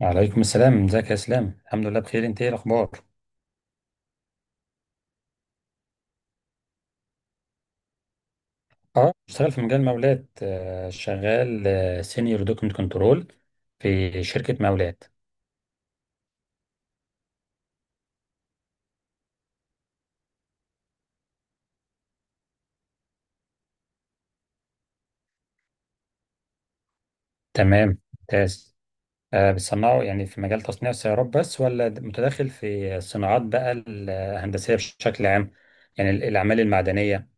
وعليكم السلام، ازيك يا اسلام؟ الحمد لله بخير. انت ايه الاخبار؟ اه، بشتغل في مجال مولات. شغال سينيور دوكمنت كنترول في شركة مولات. تمام ممتاز. بتصنعوا يعني في مجال تصنيع السيارات بس، ولا متداخل في الصناعات بقى الهندسية بشكل عام؟ يعني الأعمال المعدنية.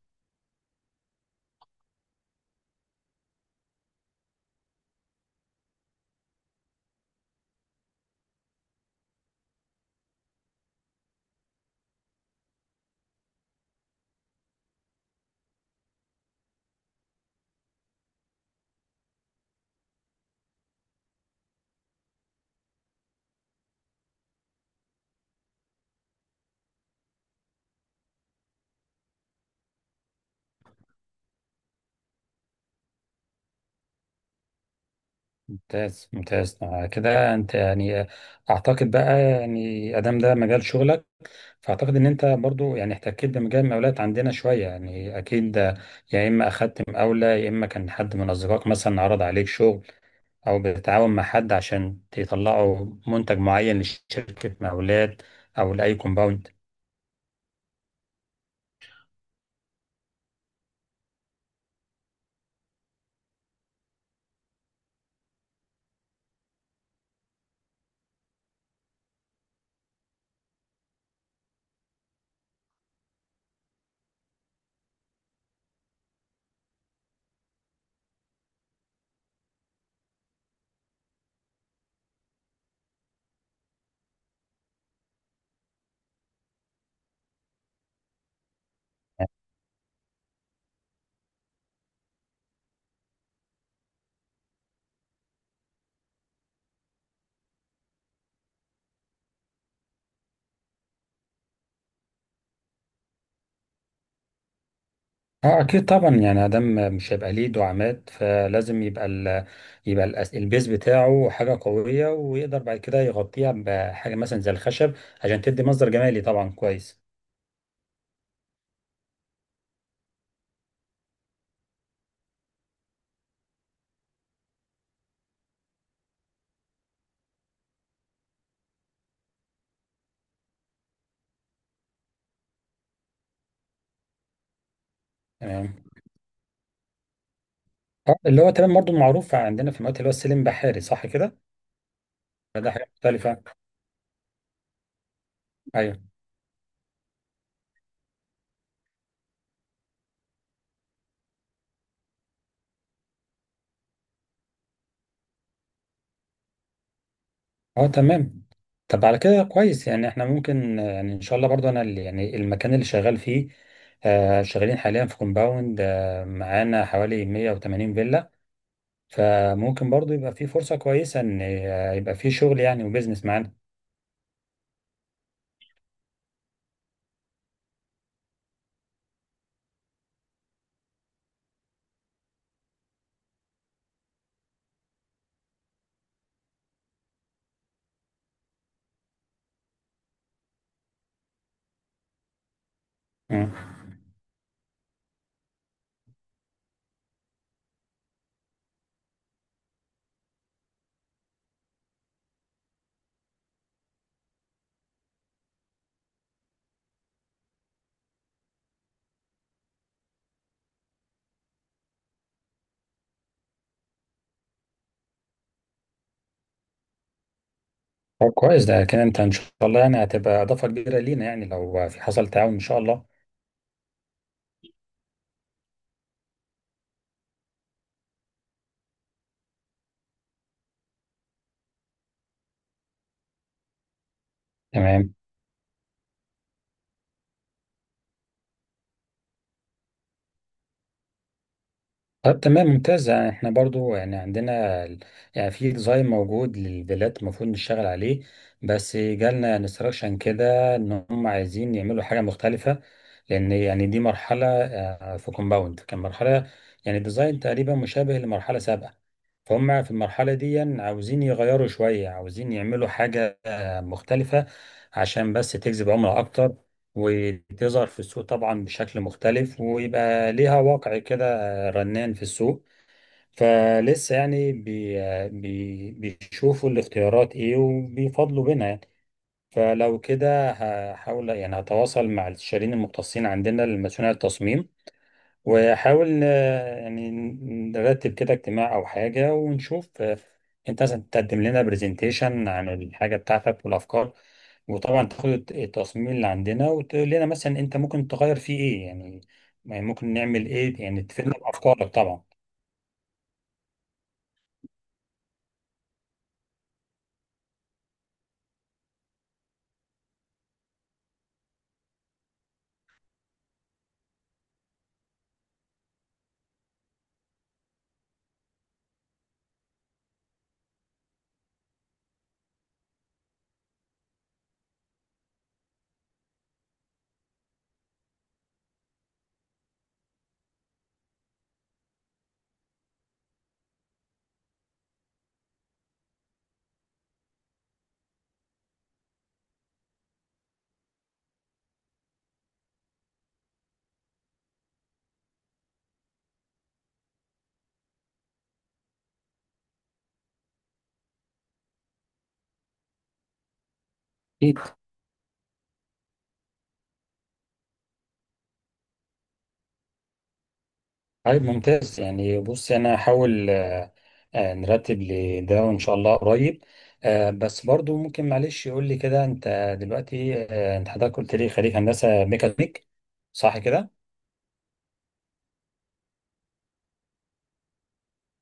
ممتاز ممتاز. كده انت يعني، اعتقد بقى، يعني ادام ده مجال شغلك، فاعتقد ان انت برضو يعني احتكيت بمجال المقاولات عندنا شويه، يعني اكيد. يا اما اخدت مقاوله، يا اما كان حد من اصدقائك مثلا عرض عليك شغل، او بتتعاون مع حد عشان تطلعوا منتج معين لشركه مقاولات، او لاي كومباوند. اه اكيد طبعا، يعني ادم مش هيبقى ليه دعامات، فلازم يبقى ال، يبقى البيز بتاعه حاجه قويه، ويقدر بعد كده يغطيها بحاجه مثلا زي الخشب، عشان تدي مصدر جمالي طبعا. كويس. تمام. اه، اللي هو تمام برضو معروف عندنا في الوقت اللي هو السلم بحاري، صح كده؟ ده حاجة مختلفة. ايوه. اه تمام. طب على كده كويس، يعني احنا ممكن يعني ان شاء الله برضو، انا اللي يعني المكان اللي شغال فيه، آه شغالين حاليا في كومباوند آه معانا حوالي 180 فيلا، فممكن برضو يبقى فيه فرصة كويسة ان يبقى فيه شغل يعني وبزنس معانا. مم. طب كويس، ده كده انت ان شاء الله يعني هتبقى اضافة كبيرة لينا، يعني لو في حصل تعاون ان شاء الله. تمام. طب تمام ممتاز، يعني احنا برضو يعني عندنا يعني في ديزاين موجود للفيلات المفروض نشتغل عليه، بس جالنا انستراكشن كده ان هم عايزين يعملوا حاجة مختلفة، لان يعني دي مرحلة في كومباوند كان مرحلة يعني ديزاين تقريبا مشابه لمرحلة سابقة، فهم في المرحلة دي عاوزين يغيروا شوية، عاوزين يعملوا حاجة مختلفة، عشان بس تجذب عملاء اكتر، وتظهر في السوق طبعا بشكل مختلف، ويبقى ليها واقع كده رنان في السوق. فلسه يعني بي بي بيشوفوا الاختيارات ايه وبيفضلوا بينها يعني. فلو كده هحاول يعني هتواصل مع الاستشاريين المختصين عندنا لمسؤولين التصميم، وحاول يعني نرتب كده اجتماع او حاجة ونشوف، انت مثلا تقدم لنا برزنتيشن عن الحاجة بتاعتك والافكار، وطبعا تاخد التصميم اللي عندنا وتقول لنا مثلا انت ممكن تغير فيه ايه يعني، يعني ممكن نعمل ايه، يعني تفيدنا بافكارك طبعا. أكيد. طيب ممتاز، يعني بصي انا هحاول نرتب لده وان شاء الله قريب. بس برضو ممكن معلش يقول لي كده، انت دلوقتي انت حضرتك قلت لي خريج هندسه ميكانيك، صح كده؟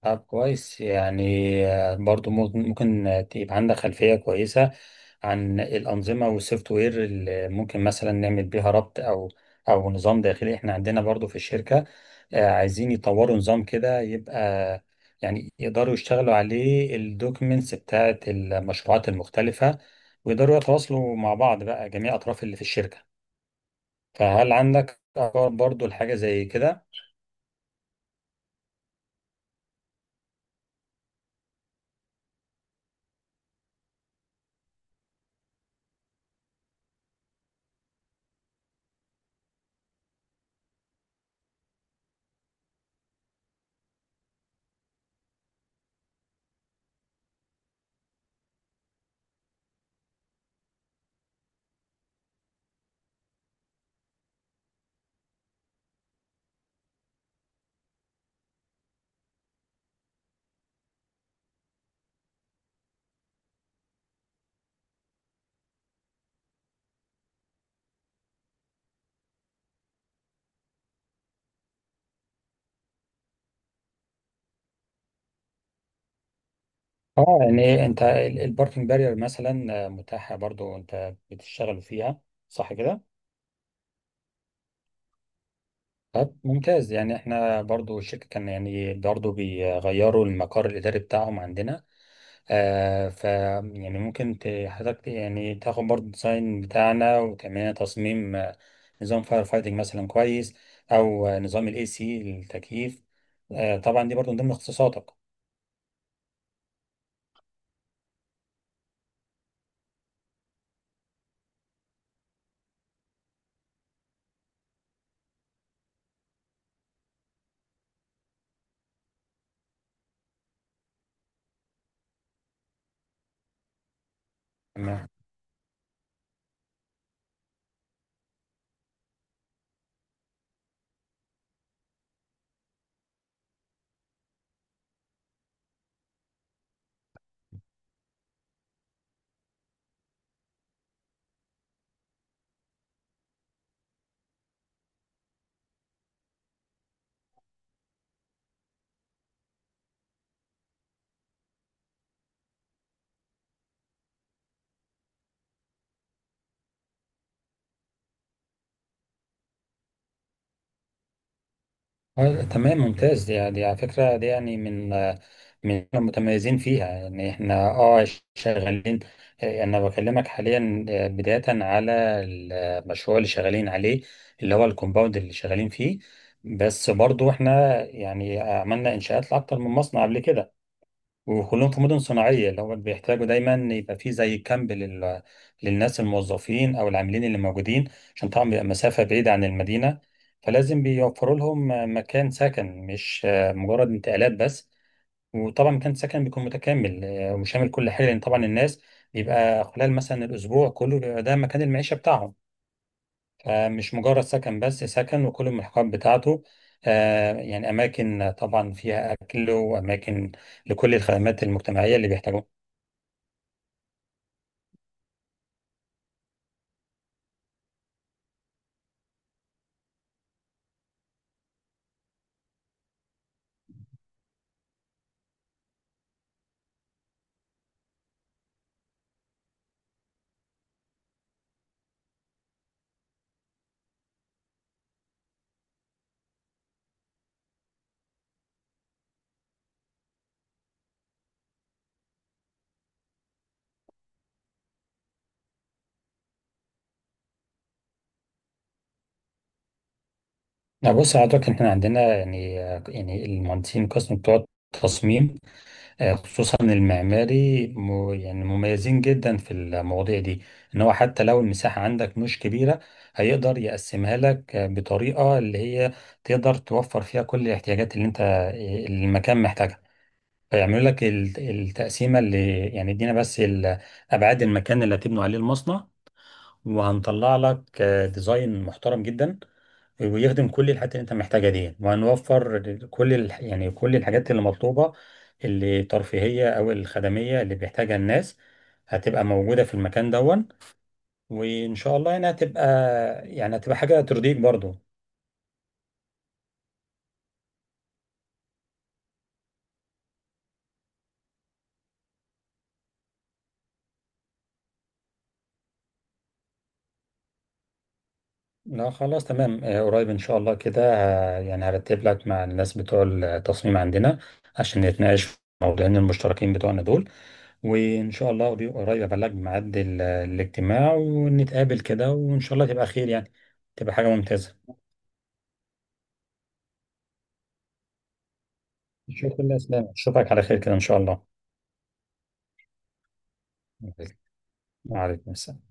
طب كويس يعني، برضو ممكن يبقى عندك خلفية كويسة عن الأنظمة والسوفت وير اللي ممكن مثلا نعمل بيها ربط، أو أو نظام داخلي. إحنا عندنا برضو في الشركة عايزين يطوروا نظام كده يبقى يعني يقدروا يشتغلوا عليه الدوكيمنتس بتاعة المشروعات المختلفة، ويقدروا يتواصلوا مع بعض بقى جميع أطراف اللي في الشركة. فهل عندك أفكار برضو لحاجة زي كده؟ اه يعني انت الباركنج بارير مثلا متاحه، برضو انت بتشتغلوا فيها، صح كده؟ طب ممتاز، يعني احنا برضو الشركه كان يعني برضو بيغيروا المقر الاداري بتاعهم عندنا، آه ف يعني ممكن حضرتك يعني تاخد برضو الديزاين بتاعنا، وكمان تصميم نظام فاير فايتنج مثلا كويس، او نظام الاي سي التكييف. آه طبعا دي برضو من ضمن اختصاصاتك. تمام ممتاز، دي على فكرة دي يعني من من إحنا متميزين فيها، يعني احنا اه شغالين. انا بكلمك حاليا بداية على المشروع اللي شغالين عليه، اللي هو الكومباوند اللي شغالين فيه، بس برضو احنا يعني عملنا انشاءات لأكتر من مصنع قبل كده، وكلهم في مدن صناعية، اللي هم بيحتاجوا دايما يبقى في زي كامب للناس الموظفين أو العاملين اللي موجودين، عشان طبعا بيبقى مسافة بعيدة عن المدينة، فلازم بيوفروا لهم مكان سكن، مش مجرد انتقالات بس. وطبعا مكان سكن بيكون متكامل وشامل كل حاجة، لأن طبعا الناس بيبقى خلال مثلا الأسبوع كله بيبقى ده مكان المعيشة بتاعهم، فمش مجرد سكن بس، سكن وكل الملحقات بتاعته، يعني أماكن طبعا فيها أكل، وأماكن لكل الخدمات المجتمعية اللي بيحتاجوها. لا بص حضرتك، احنا عندنا يعني، يعني المهندسين القسم بتوع التصميم، خصوصا المعماري يعني مميزين جدا في المواضيع دي، ان هو حتى لو المساحة عندك مش كبيرة، هيقدر يقسمها لك بطريقة اللي هي تقدر توفر فيها كل الاحتياجات اللي انت، اللي المكان محتاجها. فيعملوا لك التقسيمة، اللي يعني ادينا بس ابعاد المكان اللي هتبنوا عليه المصنع، وهنطلع لك ديزاين محترم جدا ويخدم كل الحاجات اللي انت محتاجها دي، وهنوفر كل يعني كل الحاجات اللي مطلوبة، اللي ترفيهية او الخدمية اللي بيحتاجها الناس، هتبقى موجودة في المكان دون. وان شاء الله يعني هتبقى، يعني هتبقى حاجة ترضيك برضو. لا خلاص تمام. قريب ان شاء الله كده يعني هرتب لك مع الناس بتوع التصميم عندنا، عشان نتناقش في موضوعين المشتركين بتوعنا دول، وإن شاء الله قريب قريب أبلغ ميعاد الاجتماع، ونتقابل كده، وإن شاء الله تبقى خير، يعني تبقى حاجة ممتازة. شكرا لله يا اسلام، أشوفك على خير كده إن شاء الله. وعليكم السلام.